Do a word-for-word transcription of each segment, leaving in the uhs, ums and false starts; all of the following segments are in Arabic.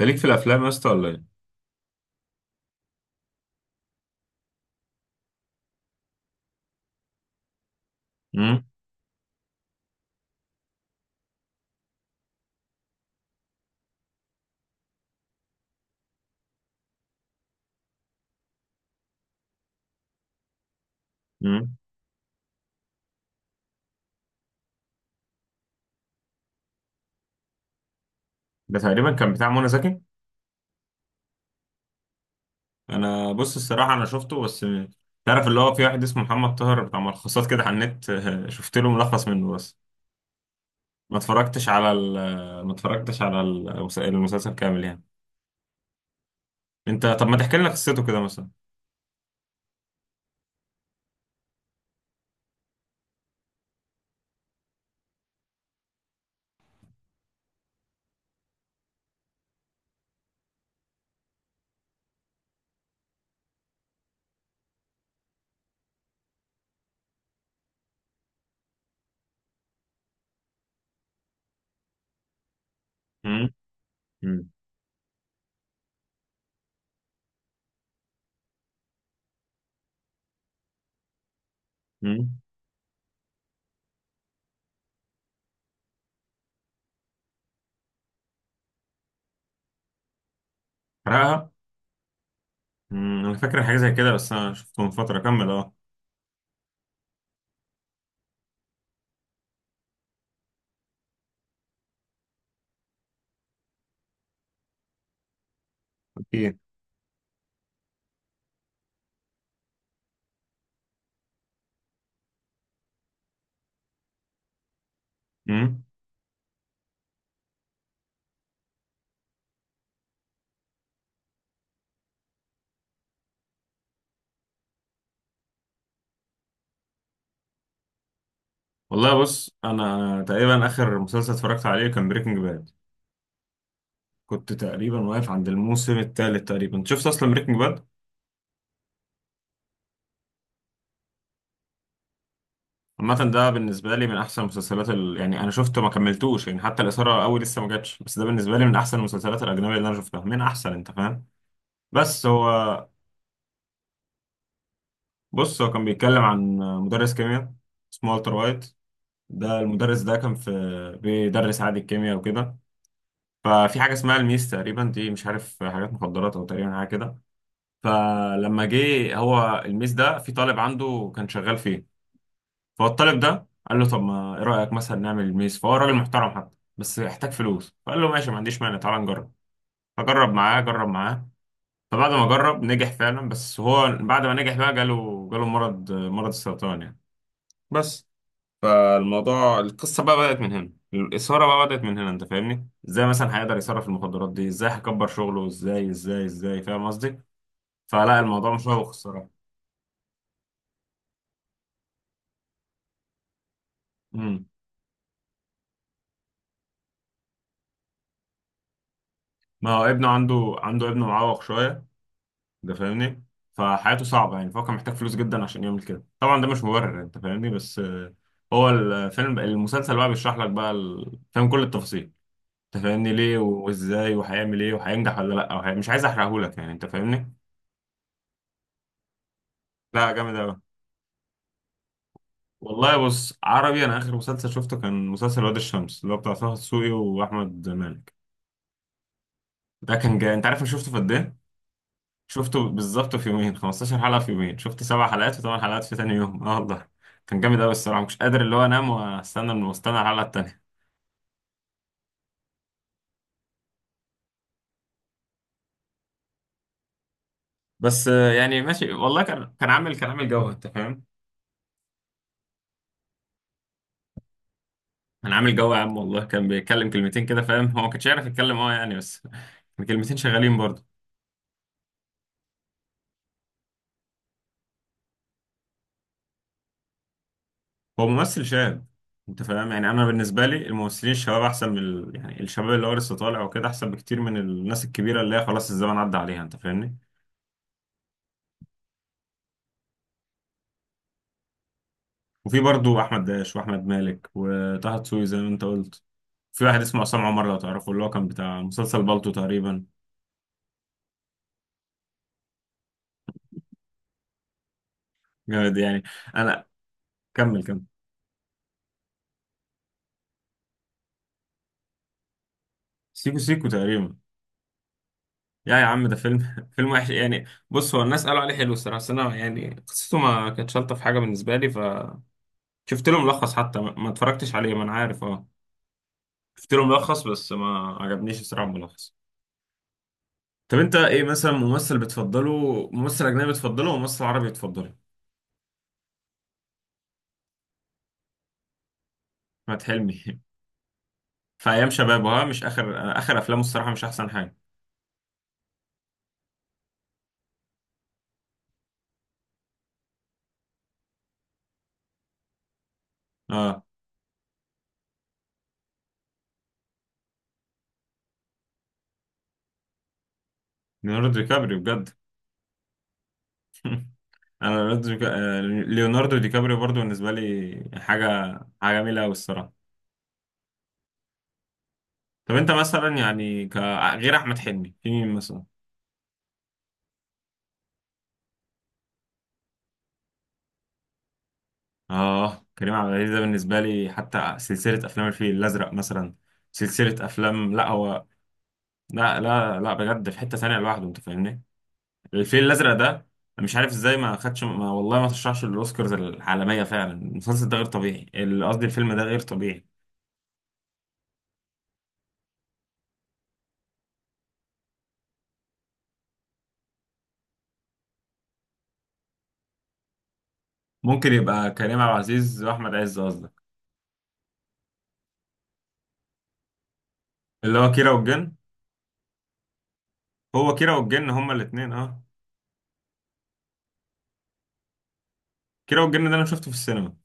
انت ليك في الافلام يا اسطى ولا ايه؟ امم. امم. ده تقريبا كان بتاع منى زكي. انا بص الصراحه انا شفته بس. تعرف اللي هو في واحد اسمه محمد طاهر بتاع ملخصات كده على النت. شفت له ملخص منه بس. ما اتفرجتش على ال ما اتفرجتش على المس- المسلسل كامل يعني. انت طب ما تحكي لنا قصته كده مثلا؟ امم. امم. امم. حرقها. أمم، انا فاكر حاجه زي كده بس انا شفته من فتره كمل اه. اوكي. امم. والله بص انا تقريبا اخر مسلسل اتفرجت عليه كان بريكنج باد. كنت تقريبا واقف عند الموسم الثالث تقريبا شفت اصلا بريكنج باد. عامة ده بالنسبة لي من أحسن المسلسلات ال... يعني أنا شفته ما كملتوش يعني، حتى الإثارة أوي لسه ما جاتش، بس ده بالنسبة لي من أحسن المسلسلات الأجنبية اللي أنا شفتها، من أحسن، أنت فاهم؟ بس هو. بص هو كان بيتكلم عن مدرس كيمياء. اسمه والتر وايت. ده المدرس ده كان في، بيدرس عادي الكيمياء وكده. ففي حاجة اسمها الميس تقريبا، دي مش عارف حاجات مخدرات أو تقريبا حاجة كده. فلما جه هو الميس ده في طالب عنده كان شغال فيه. فالطالب ده قال له: طب ما ايه رايك مثلا نعمل الميز؟ فهو راجل محترم حتى. بس يحتاج فلوس، فقال له: ماشي، ما عنديش مانع، تعال نجرب. فجرب معاه، جرب معاه. فبعد ما جرب نجح فعلا، بس هو بعد ما نجح بقى جاله جاله مرض مرض السرطان يعني. بس. فالموضوع، القصه بقى بدات من هنا، الاثاره بقى بدات من هنا، انت فاهمني، ازاي مثلا هيقدر يصرف المخدرات دي، ازاي هيكبر شغله، ازاي ازاي ازاي، فاهم قصدي. فلا الموضوع مشوق الصراحه. امم. ما هو ابنه عنده عنده ابنه معوق شويه. ده فاهمني. فحياته صعبة يعني، فهو كان محتاج فلوس جدا عشان يعمل كده، طبعا ده مش مبرر يعني، انت فاهمني، بس. آه، هو الفيلم، المسلسل بقى بيشرح لك بقى ال- فاهم كل التفاصيل. انت فاهمني ليه وازاي وهيعمل ايه وهينجح ولا لا، وهي... مش عايز احرقهولك يعني انت فاهمني. لا جامد قوي. والله بص عربي، انا اخر مسلسل شفته كان مسلسل واد الشمس اللي هو بتاع طه دسوقي واحمد مالك. ده كان جاي، انت عارف انا شفته في قد ايه؟ شفته بالظبط في يومين، خمستاشر حلقة في يومين، شفت سبع حلقات وثمان حلقات في تاني يوم، اه والله. كان جامد قوي الصراحة، مش قادر اللي هو انام واستنى من واستنى الحلقة التانية. بس آه، يعني ماشي والله، كان كان عامل كان عامل جو، انت فاهم؟ كان عامل جو يا عم، والله كان بيتكلم كلمتين كده، فاهم، هو ما كانش يعرف يتكلم اه يعني بس. كان كلمتين شغالين برضه. هو ممثل شاب. انت فاهم يعني، انا بالنسبة لي الممثلين الشباب احسن من ال... يعني الشباب اللي هو لسه طالع وكده احسن بكتير من الناس الكبيرة اللي هي خلاص الزمن عدى عليها، انت فاهمني. وفي برضو احمد داش واحمد مالك وطه دسوقي زي ما انت قلت. في واحد اسمه عصام عمر لو تعرفه، اللي هو كان بتاع مسلسل بالطو تقريبا. جامد يعني. انا. كمل كمل. سيكو سيكو تقريبا. يا يا عم ده فيلم فيلم وحش يعني. بص هو الناس قالوا عليه حلو الصراحه، بس انا يعني قصته ما كانتش الطف حاجه بالنسبه لي، فشفت له ملخص حتى، ما ما اتفرجتش عليه، ما انا عارف اه. شفت له ملخص بس ما عجبنيش الصراحه الملخص. طب انت ايه مثلا ممثل بتفضله، ممثل اجنبي بتفضله، وممثل عربي بتفضله؟ احمد حلمي في ايام شبابه ها، مش اخر اخر افلامه الصراحه مش احسن حاجه. اه ليوناردو دي كابريو بجد. انا ليوناردو دي كا- آه، ليوناردو دي كابريو برضو بالنسبه لي حاجه. حاجه جميله قوي الصراحه. طب انت مثلا يعني ك... غير احمد حلمي في مين مثلا؟ اه كريم عبد العزيز ده بالنسبه لي، حتى سلسله افلام الفيل الازرق مثلا. سلسله افلام، لا هو. لا لا لا، بجد في حته ثانيه لوحده انت فاهمني. الفيل الازرق ده. أنا مش عارف ازاي ما خدش ما والله ما ترشحش للاوسكارز العالميه، فعلا المسلسل ده غير طبيعي، ال- قصدي الفيلم ده غير طبيعي. ممكن يبقى كريم عبد العزيز واحمد عز قصدك. اللي هو كيرة والجن. هو كيرة والجن هما الاثنين اه. كيرة والجن ده انا شفته في السينما.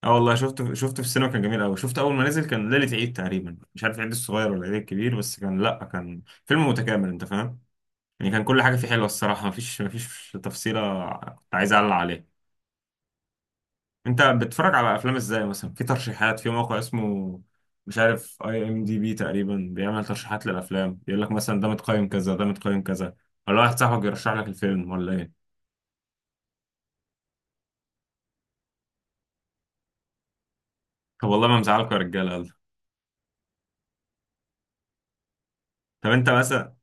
اه والله شفته شفته في السينما، كان جميل قوي، شفته اول ما نزل، كان ليله عيد تقريبا، مش عارف العيد الصغير ولا العيد الكبير، بس كان لا كان فيلم متكامل انت فاهم. يعني كان كل حاجه فيه حلوه الصراحه، مفيش مفيش تفصيله كنت عايز اعلق عليها. انت بتتفرج على افلام ازاي مثلا؟ في ترشيحات في موقع اسمه، مش عارف، اي ام دي بي تقريبا، بيعمل ترشيحات للافلام، يقول لك مثلا ده متقيم كذا، ده متقيم كذا. ولا واحد صاحبك يرشح لك الفيلم ولا ايه؟ طب والله ما مزعلكوا يا رجاله يلا. طب انت مثلا.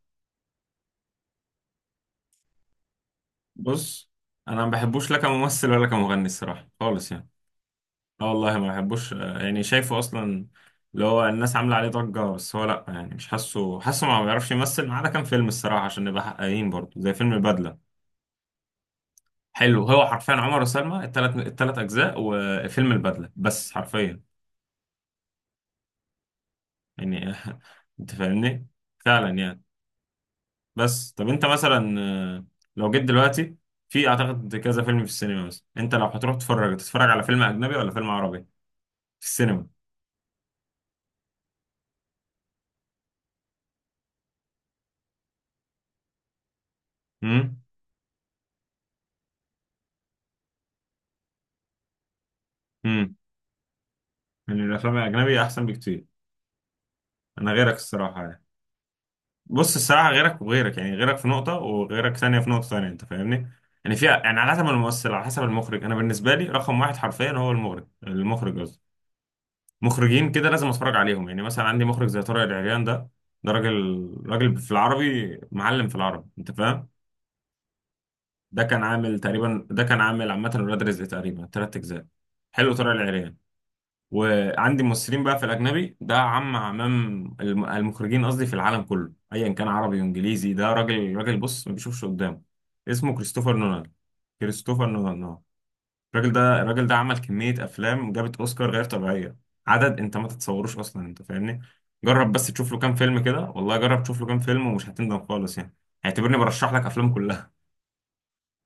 بص انا ما بحبوش لا كممثل ولا كمغني الصراحه خالص يعني. اه والله ما بحبوش آه، يعني شايفه اصلا. اللي هو الناس عامله عليه ضجه، بس هو لا يعني مش حاسه حاسه ما بيعرفش يمثل، ما عدا كام فيلم الصراحه عشان نبقى حقانيين برضه، زي فيلم البدله. حلو هو حرفيا عمر وسلمى، التلات التلات اجزاء، وفيلم البدله بس حرفيا. يعني انت فاهمني. فعلا يعني. بس طب انت مثلا آه، لو جيت دلوقتي، في اعتقد كذا فيلم في السينما مثلا، انت لو هتروح تتفرج تتفرج على فيلم اجنبي ولا فيلم عربي؟ في السينما. امم. امم. يعني الافلام الاجنبي احسن بكتير. انا غيرك الصراحه يعني. بص الصراحة غيرك وغيرك، يعني غيرك في نقطة وغيرك ثانية في نقطة ثانية، أنت فاهمني؟ يعني فيها، يعني على حسب الممثل، على حسب المخرج، أنا بالنسبة لي رقم واحد حرفيا هو المخرج، المخرج قصدي. مخرجين كده لازم أتفرج عليهم، يعني مثلا عندي مخرج زي طارق العريان ده. ده راجل. راجل في العربي، معلم في العربي، أنت فاهم؟ ده كان عامل تقريبا ده كان عامل عامة ولاد رزق تقريبا تلات أجزاء. حلو طارق العريان. وعندي ممثلين بقى في الاجنبي، ده عم عمام. الم- المخرجين قصدي في العالم كله، ايا كان عربي وانجليزي، ده راجل راجل بص ما بيشوفش قدامه. اسمه كريستوفر نولان. كريستوفر نولان اه. الراجل ده الراجل ده عمل كمية افلام جابت اوسكار غير طبيعية. عدد انت ما تتصوروش اصلا انت فاهمني. جرب بس تشوف له كام فيلم كده، والله جرب تشوف له كام فيلم ومش هتندم خالص يعني. اعتبرني برشح لك افلام كلها.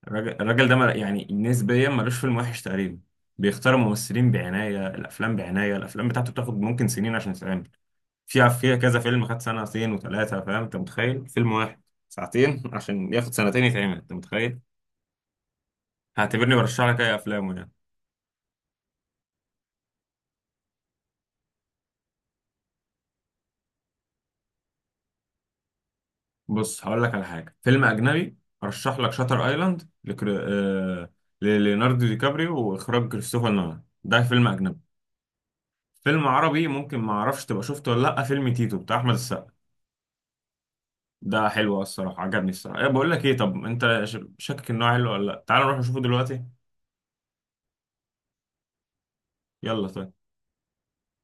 الراجل الراجل ده مل- يعني نسبيا ملوش فيلم وحش تقريبا. بيختار ممثلين بعناية، الأفلام بعناية، الأفلام بتاعته بتاخد ممكن سنين عشان تتعمل. فيها فيها كذا فيلم خد سنتين وثلاثة، فاهم، أنت متخيل فيلم واحد ساعتين عشان ياخد سنتين يتعمل، أنت متخيل. هعتبرني برشح لك أي أفلامه يعني. بص هقول لك على حاجة، فيلم أجنبي. أرشح لك شاتر أيلاند لكري... آه... لليوناردو دي كابريو وإخراج كريستوفر نولان، ده فيلم أجنبي. فيلم عربي ممكن ما اعرفش تبقى شفته ولا لا، فيلم تيتو بتاع احمد السقا. ده حلو الصراحة عجبني الصراحة، إيه بقول لك ايه، طب انت ش- شاكك انه حلو ولا لا؟ تعال نروح نشوفه دلوقتي. يلا طيب.